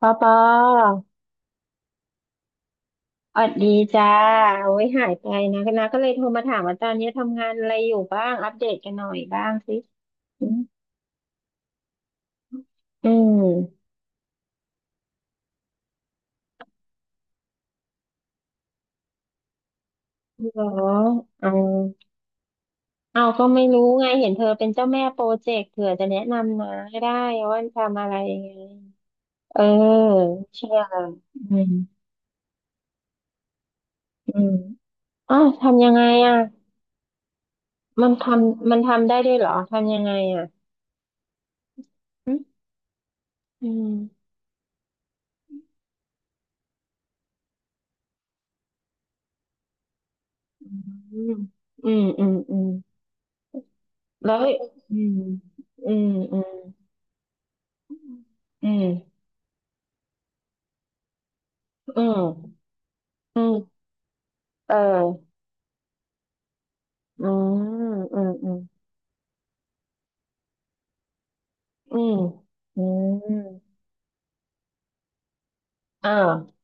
ปอปออดดีจ้าโอ้ยหายไปนะนะก็เลยโทรมาถามว่าตอนนี้ทำงานอะไรอยู่บ้างอัปเดตกันหน่อยบ้างสิอืมอืมเหรอเอาเอาก็ไม่รู้ไงเห็นเธอเป็นเจ้าแม่โปรเจกต์เผื่อจะแนะนำนะให้ได้ว่าทำอะไรยังไงเออเชื่ออืมอืมอ้าวทำยังไงอ่ะมันทำได้ด้วยเหรอทำยังไงอ่ะอืมอืมอืมอืมอืม แล้วอืมอืมอืมอืมอืมอืมเอออืมอืมอืมอืมอืมอ่า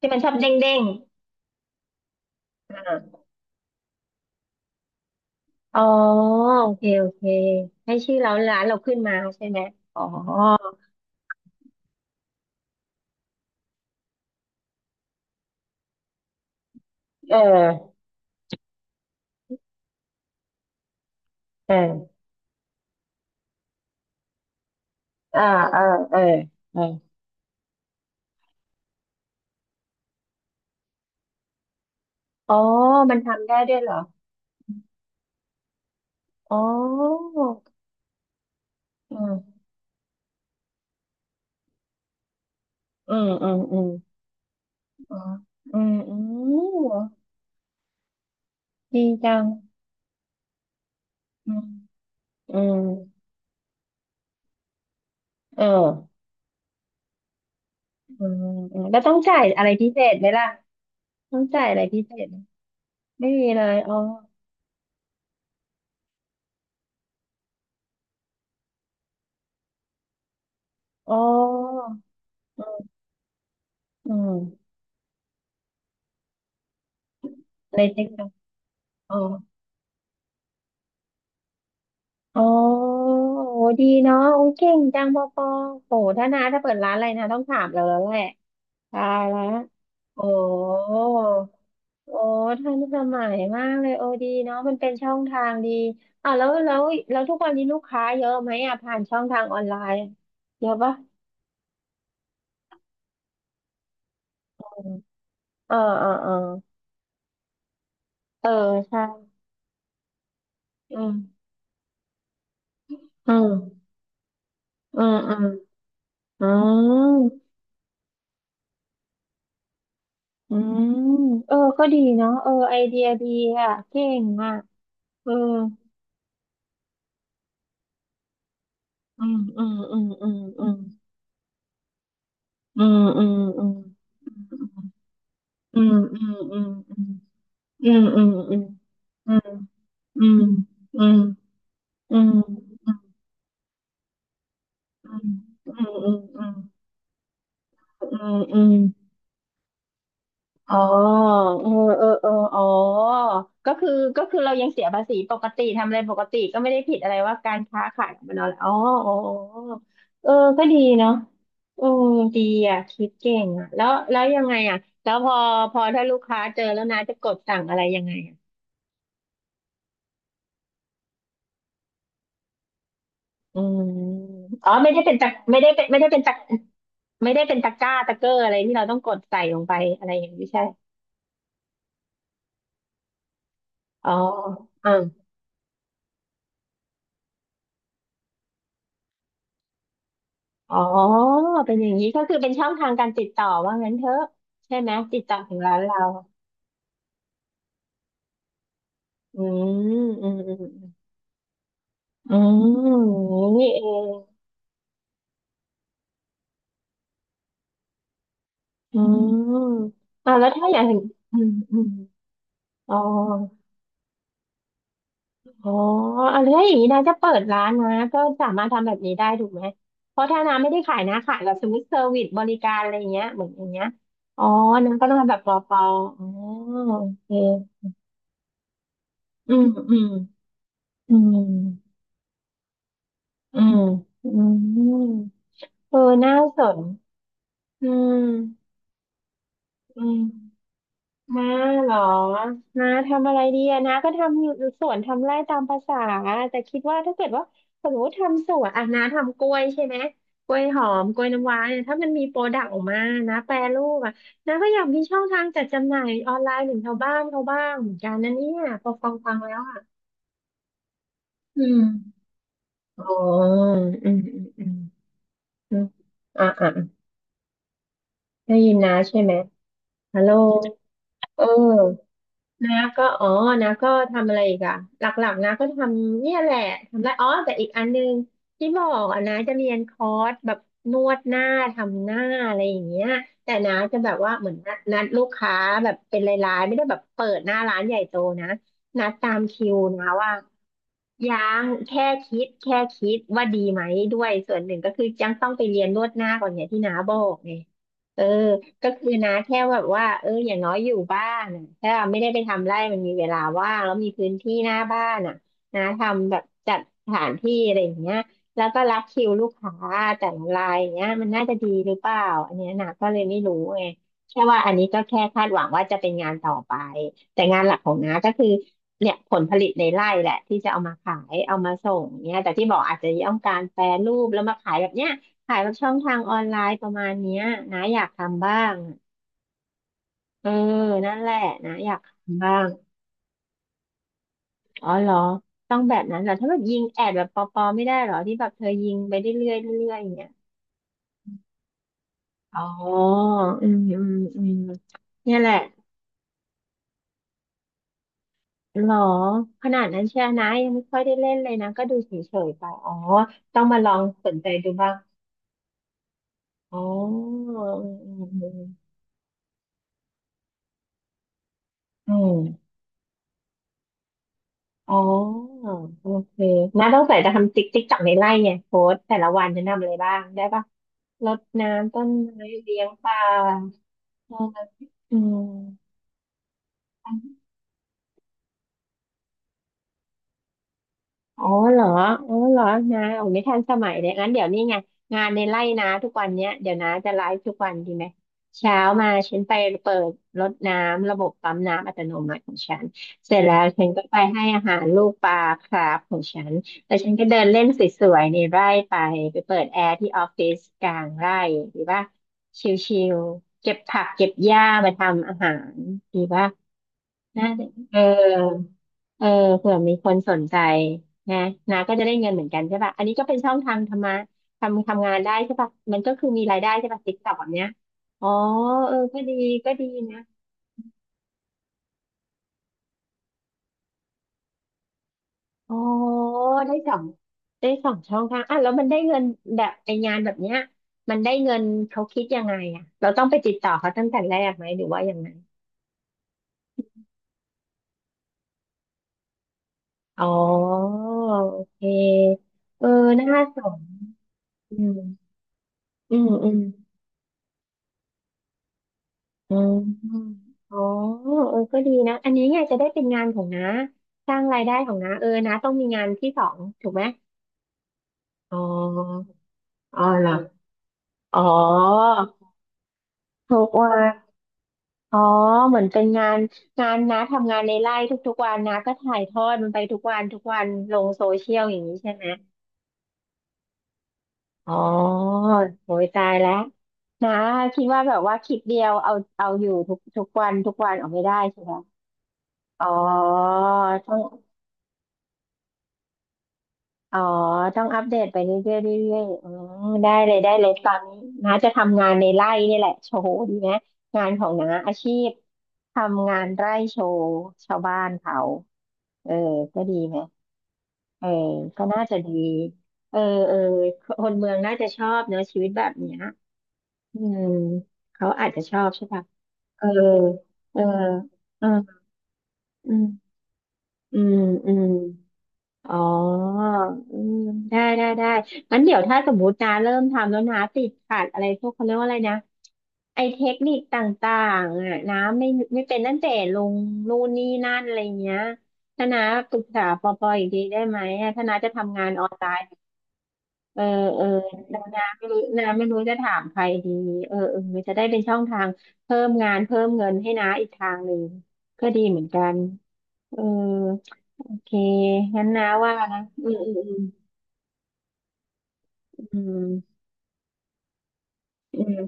ที่มันชอบเด้งเด้งอ่าอ๋อโอเคให้ชื่อเราร้านเราขึ้นมาใช่ไหมอ๋อเออเอออ่าเออเออเอออ๋อมันทำได้ด้วยเหรออ๋ออืมอืมอ๋ออืมดีจังอืม อืม เอออืมอืมแล้วต้องจ่ายอะไรพิเศษไหมล่ะต้องจ่ายอะไรพิเศษไหมไม่มีเลยอ๋อ อ๋ออืมอืมในเทคนิคอ๋ออ๋อโหดีเนาะโอ้ยเก่งจังปอปอโหถ้านาถ้าเปิดร้านอะไรนะต้องถามเราแล้วแหละตายและโอ้โอ้ท่านสมัยมากเลยโอ้ดีเนาะมันเป็นช่องทางดีอ่าแล้วทุกวันนี้ลูกค้าเยอะไหมอ่ะผ่านช่องทางออนไลน์เยอะปะ เออเออเออเออใช่อืมอืมอืมอืมอืมอืมเออก็ดีเนาะเออไอเดียดีอ่ะเก่งอ่ะเอออืมอืมอืมอืมอืมอืมอืมอืมอืมอืมอืมอืมอืมอืมอืมอืมอืมอืมอืมอืมอืมอืมอืมอืมอืม อ๋อเออเอออ๋อก็คือก็คือเรายังเสียภาษีปกติทำอะไรปกติก็ไม่ได้ผิดอะไรว่าการค้าขายมันเอาอ๋ออ๋ออ๋อเออก็ดีเนาะเออดีอ่ะคิดเก่งอ่ะแล้วยังไงอ่ะแล้วพอถ้าลูกค้าเจอแล้วนะจะกดสั่งอะไรยังไงอ่ะอืมอ๋อไม่ได้เป็นตะไม่ได้เป็นไม่ได้เป็นตะไม่ได้เป็นตะกร้าตะเกอร์อะไรที่เราต้องกดใส่ลงไปอะไรอย่างนี้ใช่อ๋อ อ๋อเป็นอย่างนี้ก็คือเป็นช่องทางการติดต่อว่างั้นเถอะใช่ไหมติดต่อถึงร้านเราอืมอืมอืมอืมอืมนี่เองอืมอ่าแล้วถ้าอย่างอืมอ๋ออ๋ออะไรอย่างนี้นะจะเปิดร้านนะก็สามารถทำแบบนี้ได้ถูกไหมเพราะถ้าน้าไม่ได้ขายนะขายแบบสมมติเซอร์วิสบริการอะไรอย่างเงี้ยเหมือนอย่างเงี้ยอ๋อน้าก็ต้องทำแบบปอปออ๋อโอเคอืมอืมอืม อืมอืมเออน่าสนอืม อืมน้าเหรอน้าทำอะไรดีอะน้าก็ทำอยู่สวน ทำไร่ตามภาษา แต่คิดว่าถ้าเกิดว่าสมมติทำสวนอ่ะน้าทำกล้วยใช่ไหมกล้วยหอมกล้วยน้ำว้าเนี่ยถ้ามันมีโปรดักต์ออกมานะแปรรูปอะน้าก็อยากมีช่องทางจัดจำหน่ายออนไลน์ถึงชาวบ้านเขาบ้างเหมือนกันนั่นเนี่ยพอฟังฟังแล้วอะอืมอ๋ออืมอมอ่ะอ่ะได้ยินนะใช่ไหม ฮัลโหลเออนาก็อ๋อนาก็ทำอะไรอีกอะหลักๆนาก็ทำเนี่ยแหละทำไรอ๋อ แต่อีกอันนึงที่บอกอะนาจะเรียนคอร์สแบบนวดหน้า ทำหน้าอะไรอย่างเงี้ยแต่นาจะแบบว่าเหมือนนัดลูกค้าแบบเป็นรายๆ ไม่ได้แบบเปิดหน้าร้านใหญ่โตนะนัดตามคิวนะว่ายังแค่คิดว่าดีไหมด้วย ส่วนหนึ่งก็คือยังต้องไปเรียนนวดหน้าก่อนเนี่ยที่นาบอกไง เออก็คือนะแค่แบบว่าเอออย่างน้อยอยู่บ้านน่ะถ้าไม่ได้ไปทำไร่มันมีเวลาว่างแล้วมีพื้นที่หน้าบ้านอ่ะนะทำแบบจัดสถานที่อะไรอย่างเงี้ยแล้วก็รับคิวลูกค้าแต่ละรายอย่างเงี้ยมันน่าจะดีหรือเปล่าอันเนี้ยนะก็เลยไม่รู้ไงแค่ว่าอันนี้ก็แค่คาดหวังว่าจะเป็นงานต่อไปแต่งานหลักของน้าก็คือเนี่ยผลผลิตในไร่แหละที่จะเอามาขายเอามาส่งเนี่ยแต่ที่บอกอาจจะต้องการแปรรูปแล้วมาขายแบบเนี้ย ขายแบบช่องทางออนไลน์ประมาณเนี้ยนะอยากทำบ้างอะเออนั่นแหละนะอยากทำบ้างอ๋อเหรอต้องแบบนั้นเหรอถ้าแบบยิงแอดแบบปอๆไม่ได้เหรอที่แบบเธอยิงไปเรื่อยๆเรื่อยๆอย่างเงี้ยอ๋ออืมอืมอืมเนี่ยแหละเหรอขนาดนั้นเชียร์นะยังไม่ค่อยได้เล่นเลยนะก็ดูเฉยๆไปอ๋อต้องมาลองสนใจดูบ้างอ๋ออืมอืมอืมอืม อ๋อโอเคน้าต้องใส่จะทำติ๊กติ๊กจักในไร่ไงโค้ดแต่ละวันจะทำอะไรบ้างได้ปะรดน้ำต้นไม้เลี้ยงปลาเอออืม อ๋อเหรออ๋อเหรอนาโอ้ไม่ทันสมัยเลยงั้นเดี๋ยวนี้ไง งานในไร่นาทุกวันเนี้ยเดี๋ยวนาจะไลฟ์ทุกวันดีไหม เช้ามาฉันไปเปิดรดน้ำ ระบบปั๊มน้ำอัตโนมัติของฉันเสร็จแล้วฉันก็ไปให้อาหารลูกปลาคราฟของฉันแล้วฉันก็เดินเล่นสวยๆในไร่ไป ไปเปิดแอร์ที่ออฟฟิศกลางไร่ดีป่ะชิลๆเก็บผักเก็บหญ้ามาทำอาหารดีป่ะ น่าจะเออเออเผื่อมีคนสนใจนะนะก็จะได้เงินเหมือนกันใช่ป่ะอันนี้ก็เป็นช่องทางทำงานได้ใช่ป่ะมันก็คือมีรายได้ใช่ป่ะติ๊กต็อกแบบเนี้ยอ๋อเออก็ดีก็ดีนะอ๋อได้สองได้สองช่องทางอ่ะแล้วมันได้เงินแบบไองานแบบเนี้ยมันได้เงินเขาคิดยังไงอ่ะเราต้องไปติดต่อเขาตั้งแต่แรกไหมหรือว่ายังไงอ๋อโอเคเออน่าสนอืมอืมอืม อืมอ๋อเออก็ดีนะอันนี้เนี่ยจะได้เป็นงานของน้าสร้างรายได้ของน้าเออน้าต้องมีงานที่สองถูกไหมอ๋ออ๋อเหรออ๋อทุกวันอ๋อเหมือนเป็นงานงานน้าทำงานในไร่ทุกๆวันน้าก็ถ่ายทอดมันไปทุกวันทุกวันลงโซเชียลอย่างนี้ใช่ไหมอ๋อโหยตายแล้วน้าคิดว่าแบบว่าคลิปเดียวเอาอยู่ทุกวันทุกวันออกไม่ได้ใช่ไหมอ๋อ อ๋อต้องอัปเดตไปเรื่อยๆเรื่อยๆอืมได้เลยได้เลยตอนนี้น้าจะทำงานในไร่นี่แหละโชว์ดีไหมงานของน้าอาชีพทำงานไร่โชว์ชาวบ้านเขาเออก็ดีไหมเออก็น่าจะดีเออเออคนเมืองน่าจะชอบเนอะชีวิตแบบเนี้ยอืมเขาอาจจะชอบใช่ปะเออเออเอออืมอืมอืม อ๋ออืมได้ได้ได้งั้นเดี๋ยวถ้าสมมตินะเริ่มทำแล้วนะติดขัดอะไรพวกเขาเรียกว่าอะไรนะไอเทคนิคต่างๆอ่ะน้ำไม่เป็นตั้งแต่ลงนู่นนี่นั่นอะไรเงี้ยถ้านาปรึกษาปอปออีกทีได้ไหมอะถ้าน้าจะทำงานออนไลน์เออเออแล้วน้ำไม่รู้น้ไม่รู้จะถามใครดีเออเออจะได้เป็นช่องทางเพิ่มงานเพิ่มเงินให้น้าอีกทางหนึ่งก็ดีเหมือนกันเออ โอเคงั้นนะว่านะอืมอืมอืม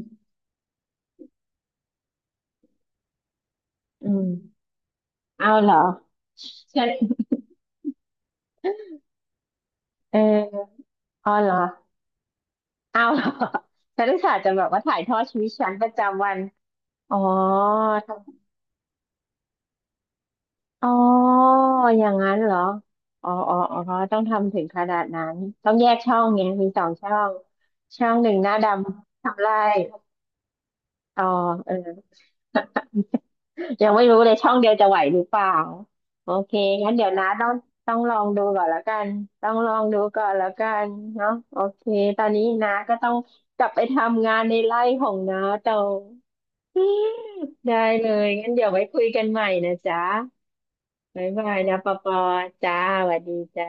อืมอืมเอาเหรอใช่เออเอาเหรอ เอาเหรอฉันอุตส่าห์จะแบบว่าถ่ายทอดชีวิตฉันประจำวันอ๋อทำอ๋ออย่างนั้นเหรออ๋ออ๋ออ๋อต้องทำถึงขนาดนั้นต้องแยกช่องไงมีสองช่อง ช่องหนึ่งหน้าดำทำไรอ๋อเออ ยังไม่รู้เลยช่องเดียวจะไหวหรือเปล่าโอเคงั้นเดี๋ยวนะต้องต้องลองดูก่อนแล้วกันต้องลองดูก่อนแล้วกันเนาะโอเคตอนนี้นะก็ต้องกลับไปทำงานในไร่ของน้า ต่ออืมได้เลยงั้นเดี๋ยวไว้คุยกันใหม่นะจ๊ะบ๊ายบายนะปอปอจ้าสวัสดีจ้า